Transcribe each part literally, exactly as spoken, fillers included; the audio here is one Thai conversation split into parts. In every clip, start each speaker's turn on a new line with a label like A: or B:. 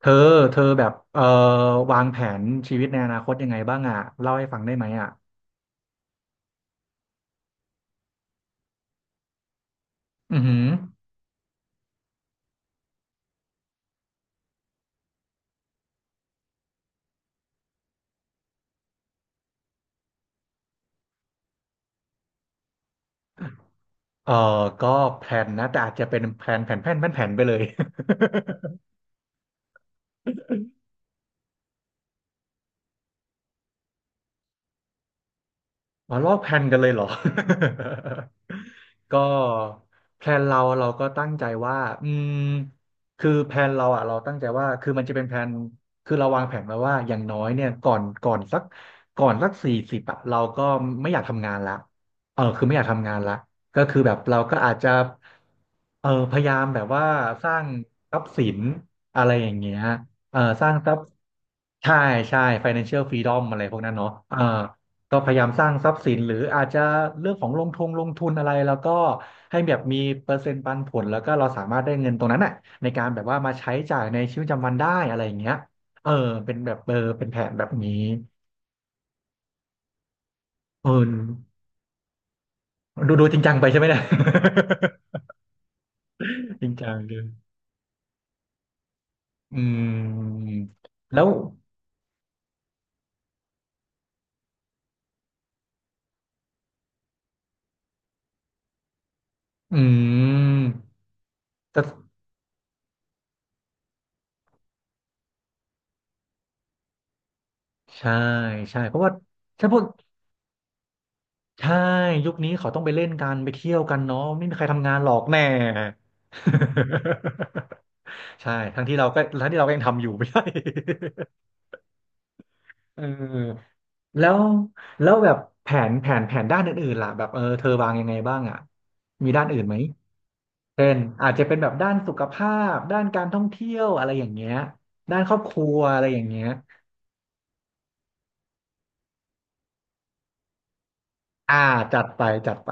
A: เธอเธอแบบเอ่อวางแผนชีวิตในอนาคตยังไงบ้างอ่ะเล่าให้ฟังได้ไหมอ่ะอือหือเอ่อก็แผนนะแต่อาจจะเป็นแผนแผนแผนแผนแผนไปเลย อ๋อลอกแพลนกันเลยเหรอ ก็แพลนเราเราก็ตั้งใจว่าอืมคือแพลนเราอ่ะเราตั้งใจว่าคือมันจะเป็นแพลนคือเราวางแผนไว้ว่าอย่างน้อยเนี่ยก่อนก่อนสักก่อนสักสี่สิบอ่ะเราก็ไม่อยากทำงานละเออคือไม่อยากทำงานละก็คือแบบเราก็อาจจะ เออพยายามแบบว่าสร้างทรัพย์สินอะไรอย่างเงี้ยเออสร้างทรัพย์ใช่ใช่ financial freedom อะไรพวกนั้นเนาะเออก็พยายามสร้างทรัพย์สินหรืออาจจะเรื่องของลงทุนลงทุนอะไรแล้วก็ให้แบบมีเปอร์เซ็นต์ปันผลแล้วก็เราสามารถได้เงินตรงนั้นน่ะในการแบบว่ามาใช้จ่ายในชีวิตประจำวันได้อะไรอย่างเงี้ยเออเป็นแบบเออเป็นแผนแบบนี้เออดูดูจริงจังไปใช่ไหมเนี่ย จริงจังเลยอืมแล้ว อืมแต่ใช่ใช่เพราะว่าถ้าพวกใช่ยุคนี้เขาต้องไปเล่นกันไปเที่ยวกันเนาะไม่มีใครทำงานหรอกแน่ ใช่ทั้งที่เราก็ทั้งที่เราก็ยังทำอยู่ไม่ใช่ เออแล้วแล้วแบบแผนแผนแผนด้านอื่นๆล่ะแบบเออเธอวางยังไงบ้างอ่ะมีด้านอื่นไหมเป็นอาจจะเป็นแบบด้านสุขภาพด้านการท่องเที่ยวอะไรอย่างเงี้ยด้านครอบครัวอะไรอย่างเงี้ยอ่าจัดไปจัดไป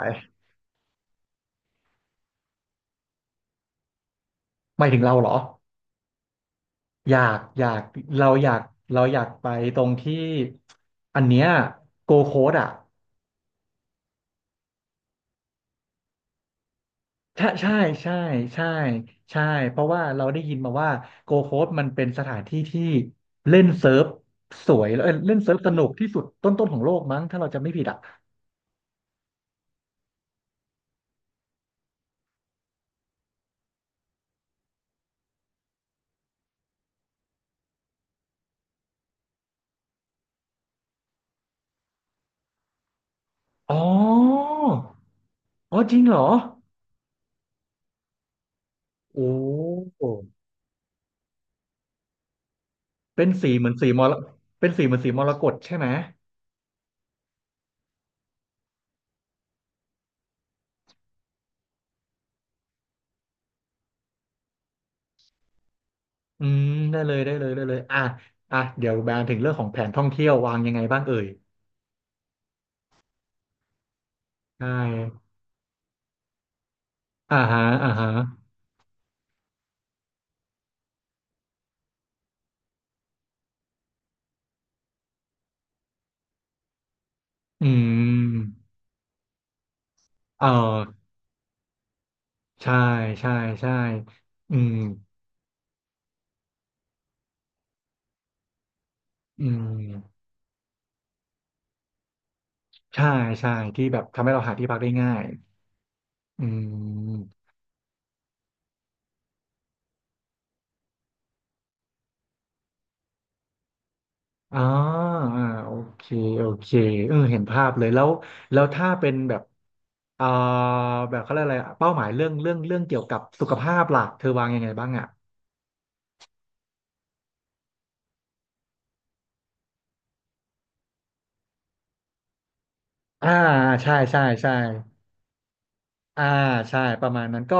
A: หมายถึงเราเหรอ อยากอยากเราอยากเราอยากไปตรงที่อันเนี้ยโกโค้ดอ่ะใช่ใช่ใช่ใช่ใช่เพราะว่าเราได้ยินมาว่าโกโค้ดมันเป็นสถานที่ที่เล่นเซิร์ฟสวยแล้วเอ้ยเล่นเซิร์ฟสนุกที่สุดต้นๆของโลกมั้งถ้าเราจำไม่ผิดอ่ะอ๋ออ๋อจริงเหรอโอ้เป็นสีเหมือนสีมรเป็นสีเหมือนสีมรกตใช่ไหมอืมได้เลยได้เลยได้เลยอ่ะอ่ะเดี๋ยวแบนถึงเรื่องของแผนท่องเที่ยววางยังไงบ้างเอ่ย ใช่อ่าฮะอ่าฮะอืมเออใช่ใช่ใช่อืมอืมใช่ใช่ที่แบบทำให้เราหาที่พักได้ง่ายอืมอ๋ออ่าโอเคโอเคเออเห็นภาพเลยแล้วแล้วถ้าเป็นแบบเอ่อแบบเขาเรียกอะไรอะเป้าหมายเรื่องเรื่องเรื่องเกี่ยวกับสุขภาพหลักเธอวางยังไงบ้างอ่ะอ่าใช่ใช่ใช่ อ่าใช่ประมาณนั้นก็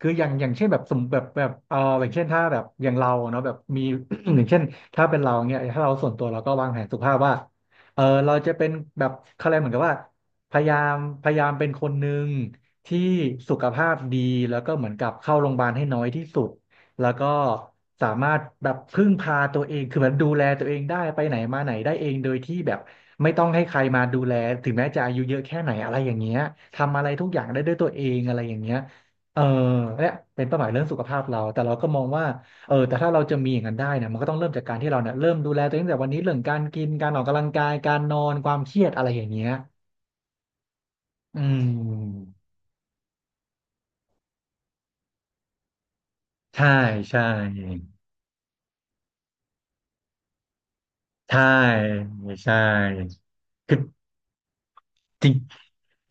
A: คืออย่างอย่างเช่นแบบสมแบบแบบเอออย่างเช่นถ้าแบบอย่างเราเนาะแบบมี อย่างเช่นถ้าเป็นเราเนี่ยถ้าเราส่วนตัวเราก็วางแผนสุขภาพว่าเออเราจะเป็นแบบเขาเรียกเหมือนกับว่าพยายามพยายามเป็นคนหนึ่งที่สุขภาพดีแล้วก็เหมือนกับเข้าโรงพยาบาลให้น้อยที่สุด แล้วก็สามารถแบบพึ่งพาตัวเองคือแบบดูแลตัวเองได้ ไปไหนมาไหนได้เองโดยที่แบบไม่ต้องให้ใครมาดูแลถึงแม้จะอายุเยอะแค่ไหนอะไรอย่างเงี้ยทำอะไรทุกอย่างได้ด้วยตัวเองอะไรอย่างเงี้ยเออเนี่ยเป็นเป้าหมายเรื่องสุขภาพเราแต่เราก็มองว่าเออแต่ถ้าเราจะมีอย่างนั้นได้เนี่ยมันก็ต้องเริ่มจากการที่เราเนี่ยเริ่มดูแลตัวเองตั้งแต่วันนี้เรื่องการกิน การออกกำลังกายการนอนความเครียดอะไรอย่างเงี้ยอืมใช่ ใช่ใช่ใช่คือ จริง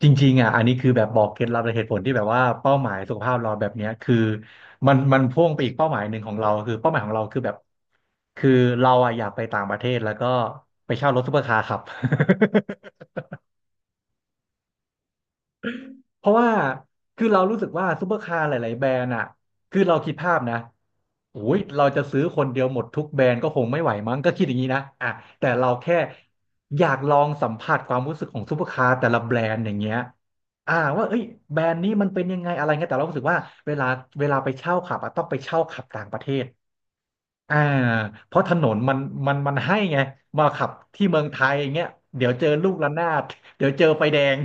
A: จริงๆอ่ะอันนี้คือแบบบอกเคล็ดลับและเหตุผลที่แบบว่าเป้าหมายสุขภาพเราแบบเนี้ยคือมันมันพ่วงไปอีกเป้าหมายหนึ่งของเราคือเป้าหมายของเราคือแบบคือเราอ่ะอยากไปต่างประเทศแล้วก็ไปเช่ารถซุปเปอร์คาร์ขับ เพราะว่าคือเรารู้สึกว่าซูเปอร์คาร์หลายๆแบรนด์อ่ะคือเราคิดภาพนะโอ้ยเราจะซื้อคนเดียวหมดทุกแบรนด์ก็คงไม่ไหวมั้งก็คิดอย่างนี้นะอ่ะแต่เราแค่อยากลองสัมผัสความรู้สึกของซูเปอร์คาร์แต่ละแบรนด์อย่างเงี้ยอ่าว่าเอ้ยแบรนด์นี้มันเป็นยังไงอะไรเงี้ยแต่เรารู้สึกว่าเวลาเวลาไปเช่าขับอะต้องไปเช่าขับต่างประเทศอ่าเพราะถนนมันมันมันให้ไงมาขับที่เมืองไทยอย่างเงี้ยเดี๋ยวเจอลูกระนาดเดี๋ยวเจอไฟแดง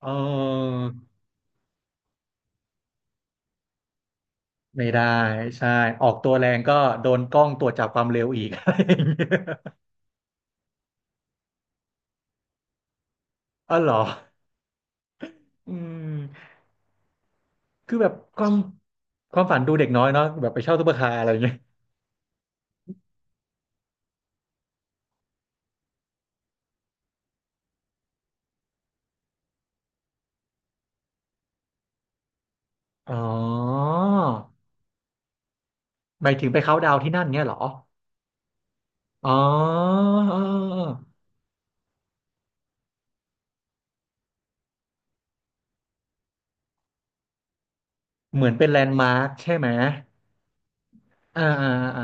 A: เออ ไม่ได้ใช่ออกตัวแรงก็โดนกล้องตรวจจับความเร็วอีก อะไรอย่างเงี้ยอ๋อเหรออืมคือแบบความความฝันดูเด็กน้อยเนาะแบบไปเช่าซุปเปอร์คาร์อะไรอย่างเงี้ยอ๋อหมายถึงไปเคาท์ดาวน์ที่นั่นเงี้ยเหรออ๋อเออเออเหมือนเป็นแลนด์มาร์คใช่ไหมอ่าอ่าอ่า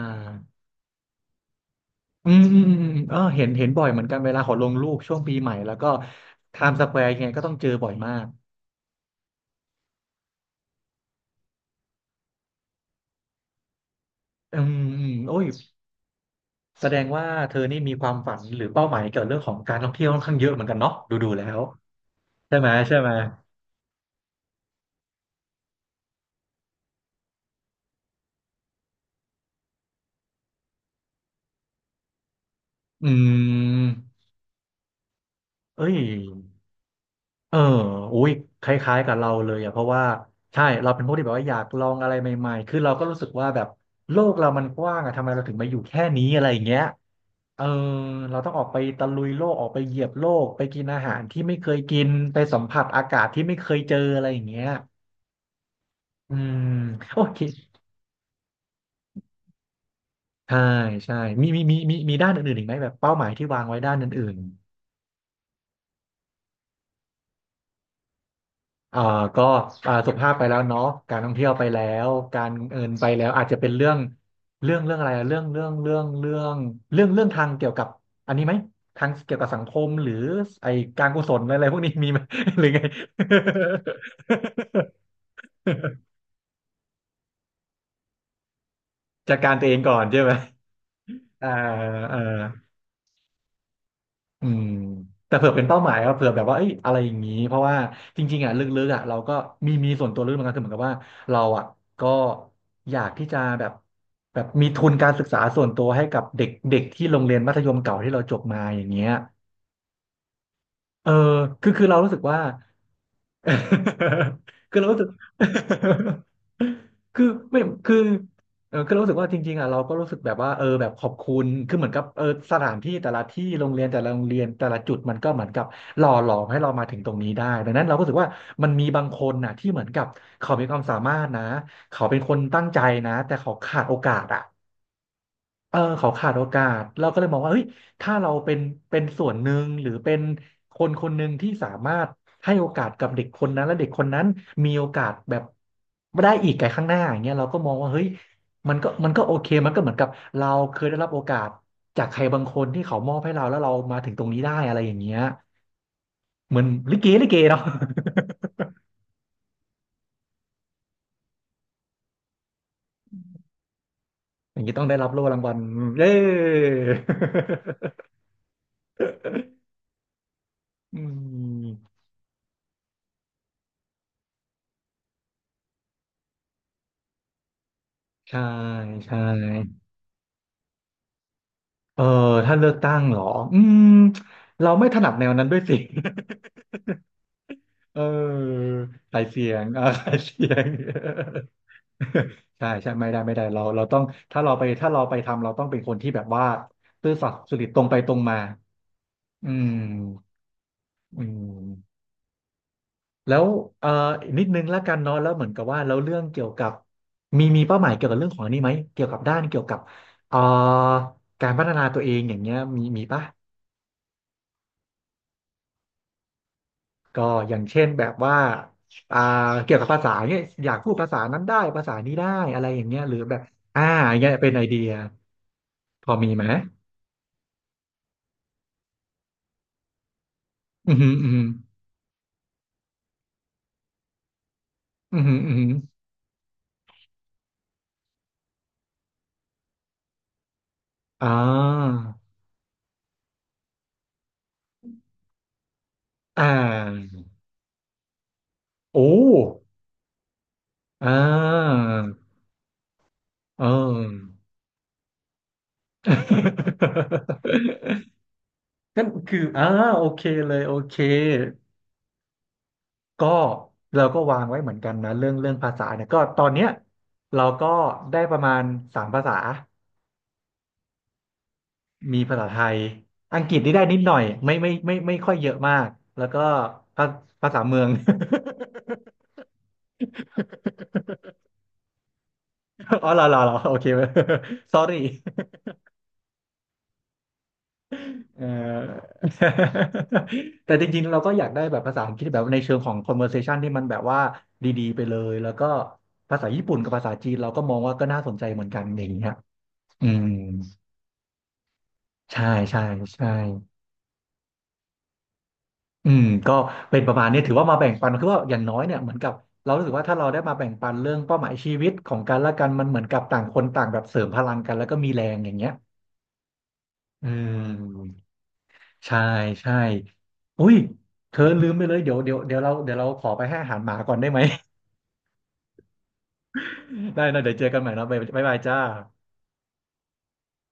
A: อืมอืมอืมอืมเออเห็นเห็นบ่อยเหมือนกันเวลาขอลงรูปช่วงปีใหม่แล้วก็ไทม์สแควร์ยังไงก็ต้องเจอบ่อยมากอืมอืมโอ้ย แสดงว่าเธอนี่มีความฝันหรือเป้าหมายเกี่ยวกับเรื่องของการท่องเที่ยวค่อนข้างเยอะเหมือนกันเนาะดูดูแล้วใช่ไหมใช่ไหมอืมเอ้ยเอออุ้ยคล้ายๆกับเราเลยอะเพราะว่าใช่เราเป็นพวกที่แบบว่าอยากลองอะไรใหม่ๆคือเราก็รู้สึกว่าแบบโลกเรามันกว้างอะทำไมเราถึงมาอยู่แค่นี้อะไรอย่างเงี้ยเออเราต้องออกไปตะลุยโลกออกไปเหยียบโลกไปกินอาหารที่ไม่เคยกินไปสัมผัสอากาศที่ไม่เคยเจออะไรอย่างเงี้ยอืมโอเค ใช่ใช่มีมีมีมีมีด้านอื่นๆอีกไหมแบบเป้าหมายที่วางไว้ด้านอื่นๆเอ่อก็อ่าสุขภาพไปแล้วเนาะการท่องเที่ยวไปแล้วการเงินไปแล้วอาจจะเป็นเรื่องเรื่องเรื่องอะไรอะเรื่องเรื่องเรื่องเรื่องเรื่องเรื่องทางเกี่ยวกับอันนี้ไหมทางเกี่ยวกับสังคมหรือไอการกุศลอะไรพวกนี้มีไหม หรือไง จัดการตัวเองก่อนใช่ไหมอ่าอ่า อืมแต่เผื่อเป็นเป้าหมายครับเผื่อแบบว่าเอ้ยอะไรอย่างนี้เพราะว่าจริงๆอ่ะลึกๆอ่ะเราก็มีมีส่วนตัวลึกเหมือนกันคือเหมือนกับว่าเราอ่ะก็อยากที่จะแบบแบบมีทุนการศึกษาส่วนตัวให้กับเด็กเด็กที่โรงเรียนมัธยมเก่าที่เราจบมาอย่างเงี้ยเออคือคือเรารู้สึกว่า คือเรารู้สึก คือไม่คือเออคือเรารู้สึกว่าจริงๆอ่ะเราก็รู้สึกแบบว่าเออแบบขอบคุณคือเหมือนกับเออสถานที่แต่ละที่โรงเรียนแต่ละโรงเรียนแต่ละจุดมันก็เหมือนกับหล่อหลอมให้เรามาถึงตรงนี้ได้ดังนั้นเราก็รู้สึกว่ามันมีบางคนน่ะที่เหมือนกับเขามีความสามารถนะเขาเป็นคนตั้งใจนะแต่เขาขาดโอกาสอ่ะ เออเขาขาดโอกาสเราก็เลยมองว่าเฮ้ยถ้าเราเป็นเป็นส่วนหนึ่งหรือเป็นคนคนหนึ่งที่สามารถให้โอกาสกับเด็กคนนั้นและเด็กคนนั้นมีโอกาสแบบได้อีกไกลข้างหน้าอย่างเงี้ยเราก็มองว่าเฮ้ยมันก็มันก็โอเคมันก็เหมือนกับเราเคยได้รับโอกาสจากใครบางคนที่เขามอบให้เราแล้วเรามาถึงตรงนี้ได้อะไรอย่างเงี้ยเหมือนลิเกลิเกเนาะ อย่างนี้ต้องได้รับโล่รางวัลเย้ อืมใช่ใช่ เออถ้าเลือกตั้งเหรออืมเราไม่ถนัดแนวนั้นด้วยสิ เออสายเสียงอ่าสายเสียง ใช่ใช่ไม่ได้ไม่ได้เราเราต้องถ้าเราไปถ้าเราไปทำเราต้องเป็นคนที่แบบว่าซื่อสัตย์สุจริตตรงไปตรงมาอืมอืมแล้วเอ่ออีกนิดนึงแล้วกันเนาะแล้วเหมือนกับว่าเราเรื่องเกี่ยวกับมีมีเป้าหมายเกี่ยวกับเรื่องของอันนี้ไหมเกี่ยวกับด้านเกี่ยวกับเอ่อการพัฒนาตัวเองอย่างเงี้ยมีมีปะ ก็อย่างเช่นแบบว่าอ่าเกี่ยวกับภาษาเนี่ยอยากพูดภาษานั้นได้ภาษานี้ได้อะไรอย่างเงี้ยหรือแบบอ่าอย่างเงี้ยเป็นไอเดียพอมีไหมอือหืออือหืออือหืออือหืออ่าอ่าโอ้อ่าเออ นั่นคืออ่าโอเคเลยโอเคก็เราก็วางไว้เหมือนกันนะเรื่องเรื่องภาษาเนี่ยก็ตอนเนี้ยเราก็ได้ประมาณสามภาษา มีภาษาไทย อังกฤษนี่ได้นิดหน่อยไม่ไม่ไม่ไม่ค่อยเยอะมาก แล้วก็ภาภาษาเมือง อ๋อเหรอเหรอเหรอ โอเค sorry เอ่อ แต่จริงๆ เราก็อยากได้แบบภาษาอังกฤษแบบในเชิงของ conversation ที่มันแบบว่าดีๆไปเลย แล้วก็ภาษาญี่ปุ่นกับภาษาจีนเราก็มองว่าก็น่าสนใจเหมือนกันอย่างเงี้ยอืมใช่ใช่ใช่ อืมก็เป็นประมาณนี้ถือว่ามาแบ่งปันคือว่าอย่างน้อยเนี่ยเหมือนกับเรารู้สึกว่าถ้าเราได้มาแบ่งปันเรื่องเป้าหมายชีวิตของกันและกันมันเหมือนกับต่างคนต่างแบบเสริมพลังกันแล้วก็มีแรงอย่างเงี้ยอืมใช่ใช่อุ้ยเธอลืมไปเลยเดี๋ยวเดี๋ยวเดี๋ยวเราเดี๋ยวเราขอไปให้อาหารหมาก่อนได้ไหม ได้นะเดี๋ยวเจอกันใหม่นะบ๊ายบายบ๊ายบายจ้า